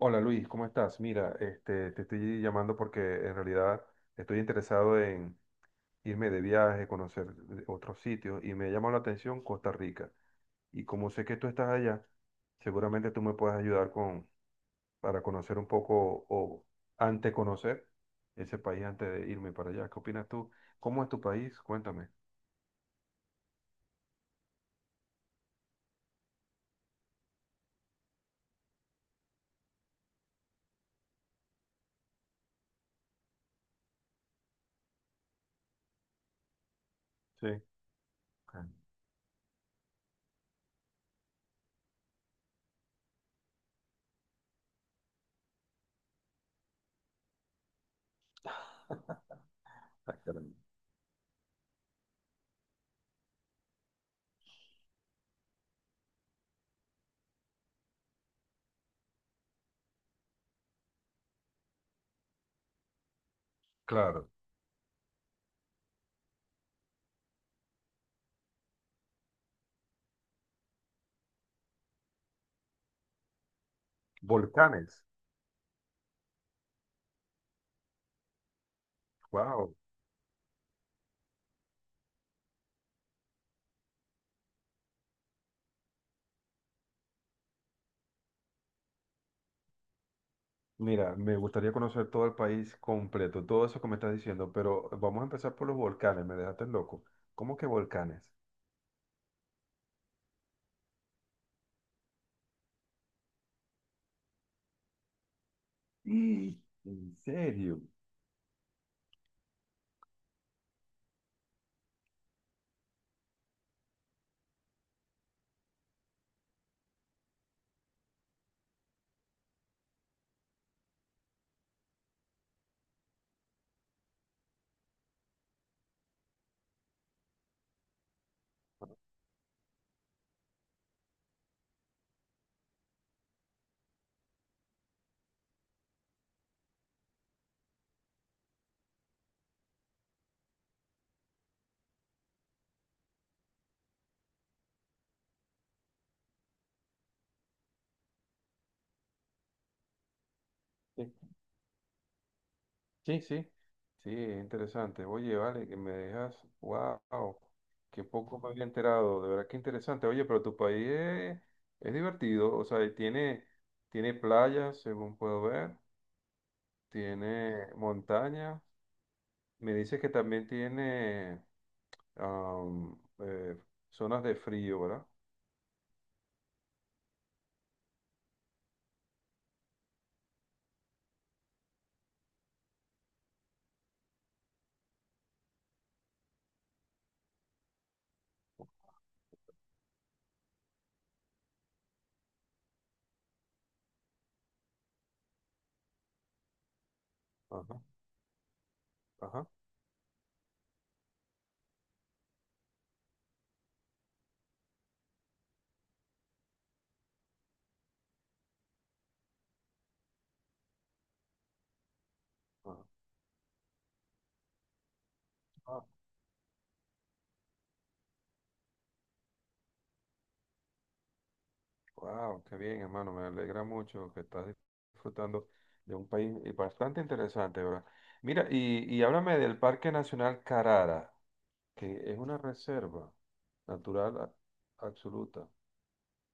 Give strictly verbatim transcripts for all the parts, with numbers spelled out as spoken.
Hola Luis, ¿cómo estás? Mira, este, te estoy llamando porque en realidad estoy interesado en irme de viaje, conocer otros sitios y me llamó la atención Costa Rica. Y como sé que tú estás allá, seguramente tú me puedes ayudar con, para conocer un poco o ante conocer ese país antes de irme para allá. ¿Qué opinas tú? ¿Cómo es tu país? Cuéntame. Sí. Ah, caramba. Claro. Volcanes. Wow. Mira, me gustaría conocer todo el país completo, todo eso que me estás diciendo, pero vamos a empezar por los volcanes, me dejaste loco. ¿Cómo que volcanes? Mm. ¿En serio? Sí, sí, sí, sí, es interesante. Oye, vale, que me dejas, wow, qué poco me había enterado, de verdad que interesante. Oye, pero tu país es, es divertido, o sea, y tiene, tiene playas, según puedo ver, tiene montaña. Me dices que también tiene am, eh, zonas de frío, ¿verdad? Ajá, ajá, ajá. Wow, qué bien, hermano. Me alegra mucho que estás disfrutando de un país eh, bastante interesante, ¿verdad? Mira, y, y háblame del Parque Nacional Carara, que es una reserva natural a- absoluta,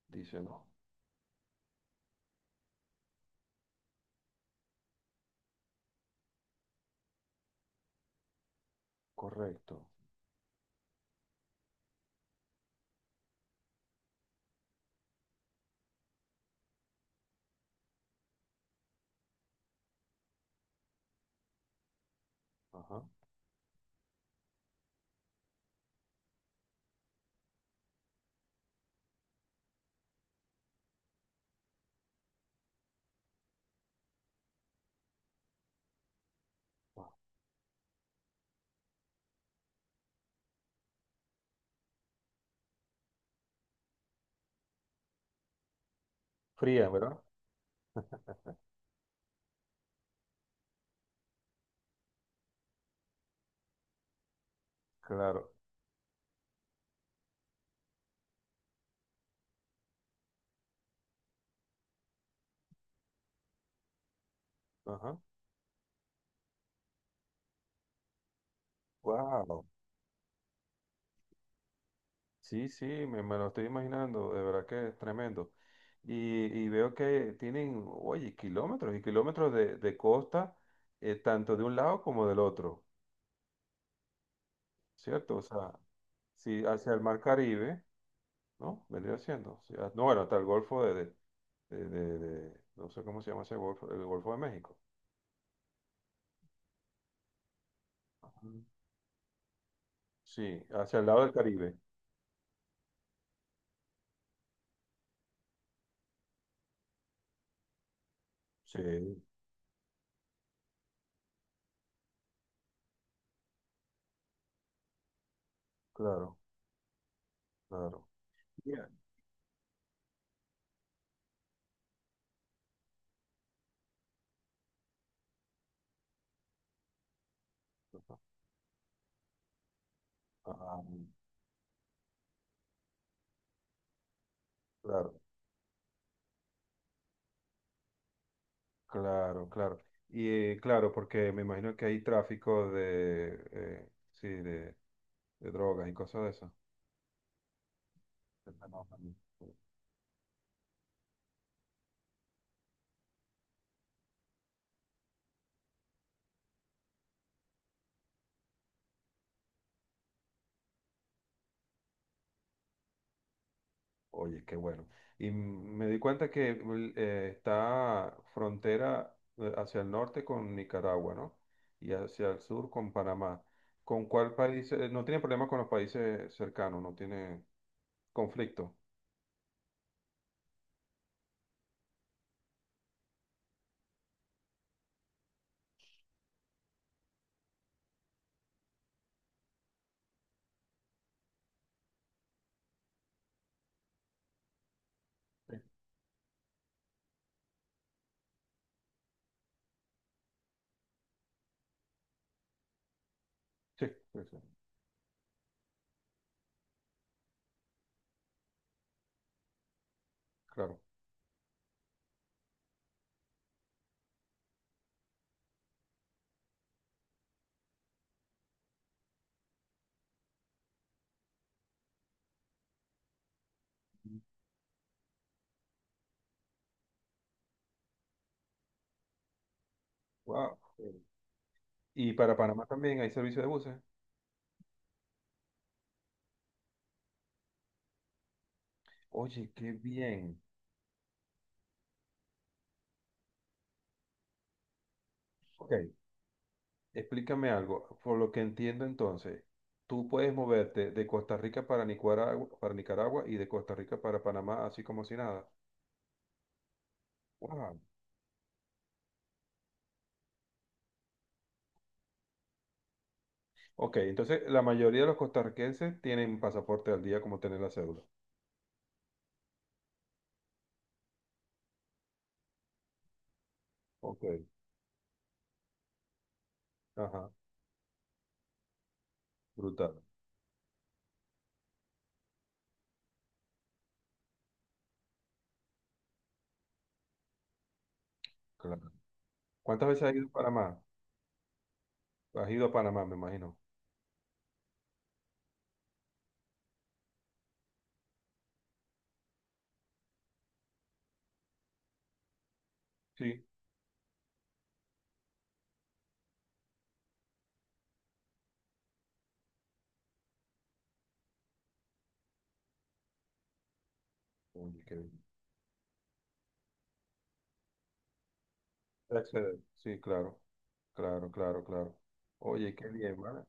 dice, ¿no? Correcto. Ajá. Fría, ¿verdad? Claro. Ajá. Wow. Sí, sí, me, me lo estoy imaginando, de verdad que es tremendo. Y, y veo que tienen, oye, kilómetros y kilómetros de, de costa, eh, tanto de un lado como del otro, ¿cierto? O sea, si hacia el Mar Caribe, ¿no? Vendría siendo. O sea, no, bueno, hasta el Golfo de, de, de- de- de- no sé cómo se llama ese Golfo, el Golfo de México. Ujú. Sí, hacia el lado del Caribe. Sí, claro, claro. Bien. Ajá, claro. Claro, claro. Y eh, claro, porque me imagino que hay tráfico de, eh, sí, de, de drogas y cosas de esas. De fenómenos. Oye, qué bueno. Y m- me di cuenta que el- eh, está frontera eh, hacia el norte con Nicaragua, ¿no? Y hacia el sur con Panamá. ¿Con cuál país? Eh, no tiene problema con los países cercanos, no tiene conflicto. Sí, sí, sí, claro. Wow. Y para Panamá también hay servicio de buses. Oye, qué bien. Ok, explícame algo. Por lo que entiendo entonces, tú puedes moverte de Costa Rica para Nicaragua, para Nicaragua y de Costa Rica para Panamá, así como si nada. Wow. Ok, entonces la mayoría de los costarricenses tienen pasaporte al día como tener la cédula. Ok. Ajá, brutal. Claro. ¿Cuántas veces has ido a Panamá? Has ido a Panamá, me imagino. Sí. Oye, qué bien. Excelente. Sí, claro. Claro, claro, claro. Oye, qué bien, ¿vale?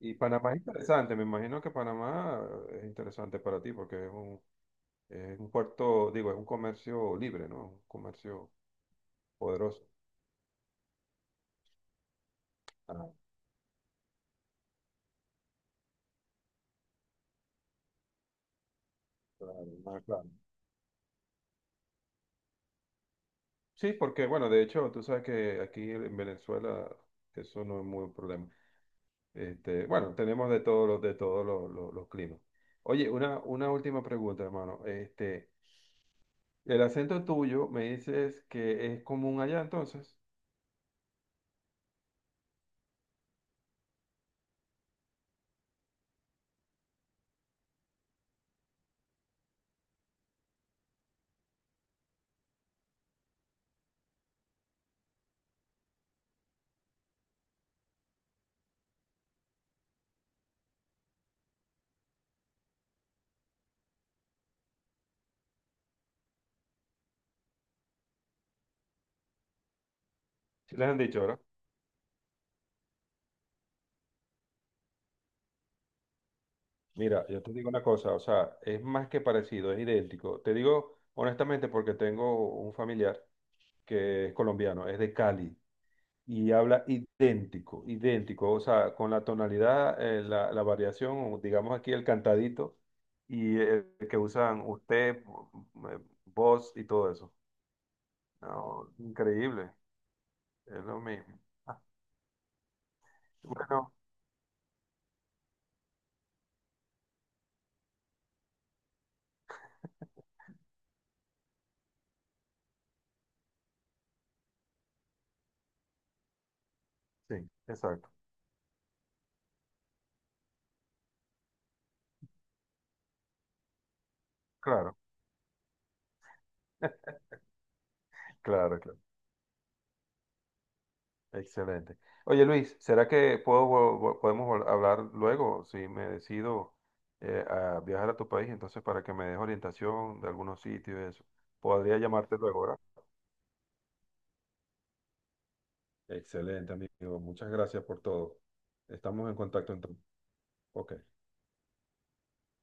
Y Panamá es interesante, me imagino que Panamá es interesante para ti porque es un, es un puerto, digo, es un comercio libre, ¿no? Un comercio poderoso. Ah, claro, más claro. Sí, porque bueno, de hecho, tú sabes que aquí en Venezuela eso no es muy un problema. Este, bueno, tenemos de todos los de todos los, los- los climas. Oye, una, una última pregunta, hermano. Este, el acento tuyo me dices que es común allá entonces. Sí, les han dicho, ¿verdad? Mira, yo te digo una cosa, o sea, es más que parecido, es idéntico. Te digo honestamente porque tengo un familiar que es colombiano, es de Cali y habla idéntico, idéntico, o sea, con la tonalidad, eh, la, la variación, o digamos aquí el cantadito y el que usan usted, eh, vos y todo eso. No, increíble, es lo mismo. Ah, bueno, sí, exacto, claro, claro, claro. Excelente. Oye Luis, ¿será que puedo, vo- vo- podemos vol- hablar luego si me decido eh, a viajar a tu país? Entonces, para que me des orientación de algunos sitios y eso. Podría llamarte luego, ¿verdad? Excelente, amigo. Muchas gracias por todo. Estamos en contacto entonces. Ok.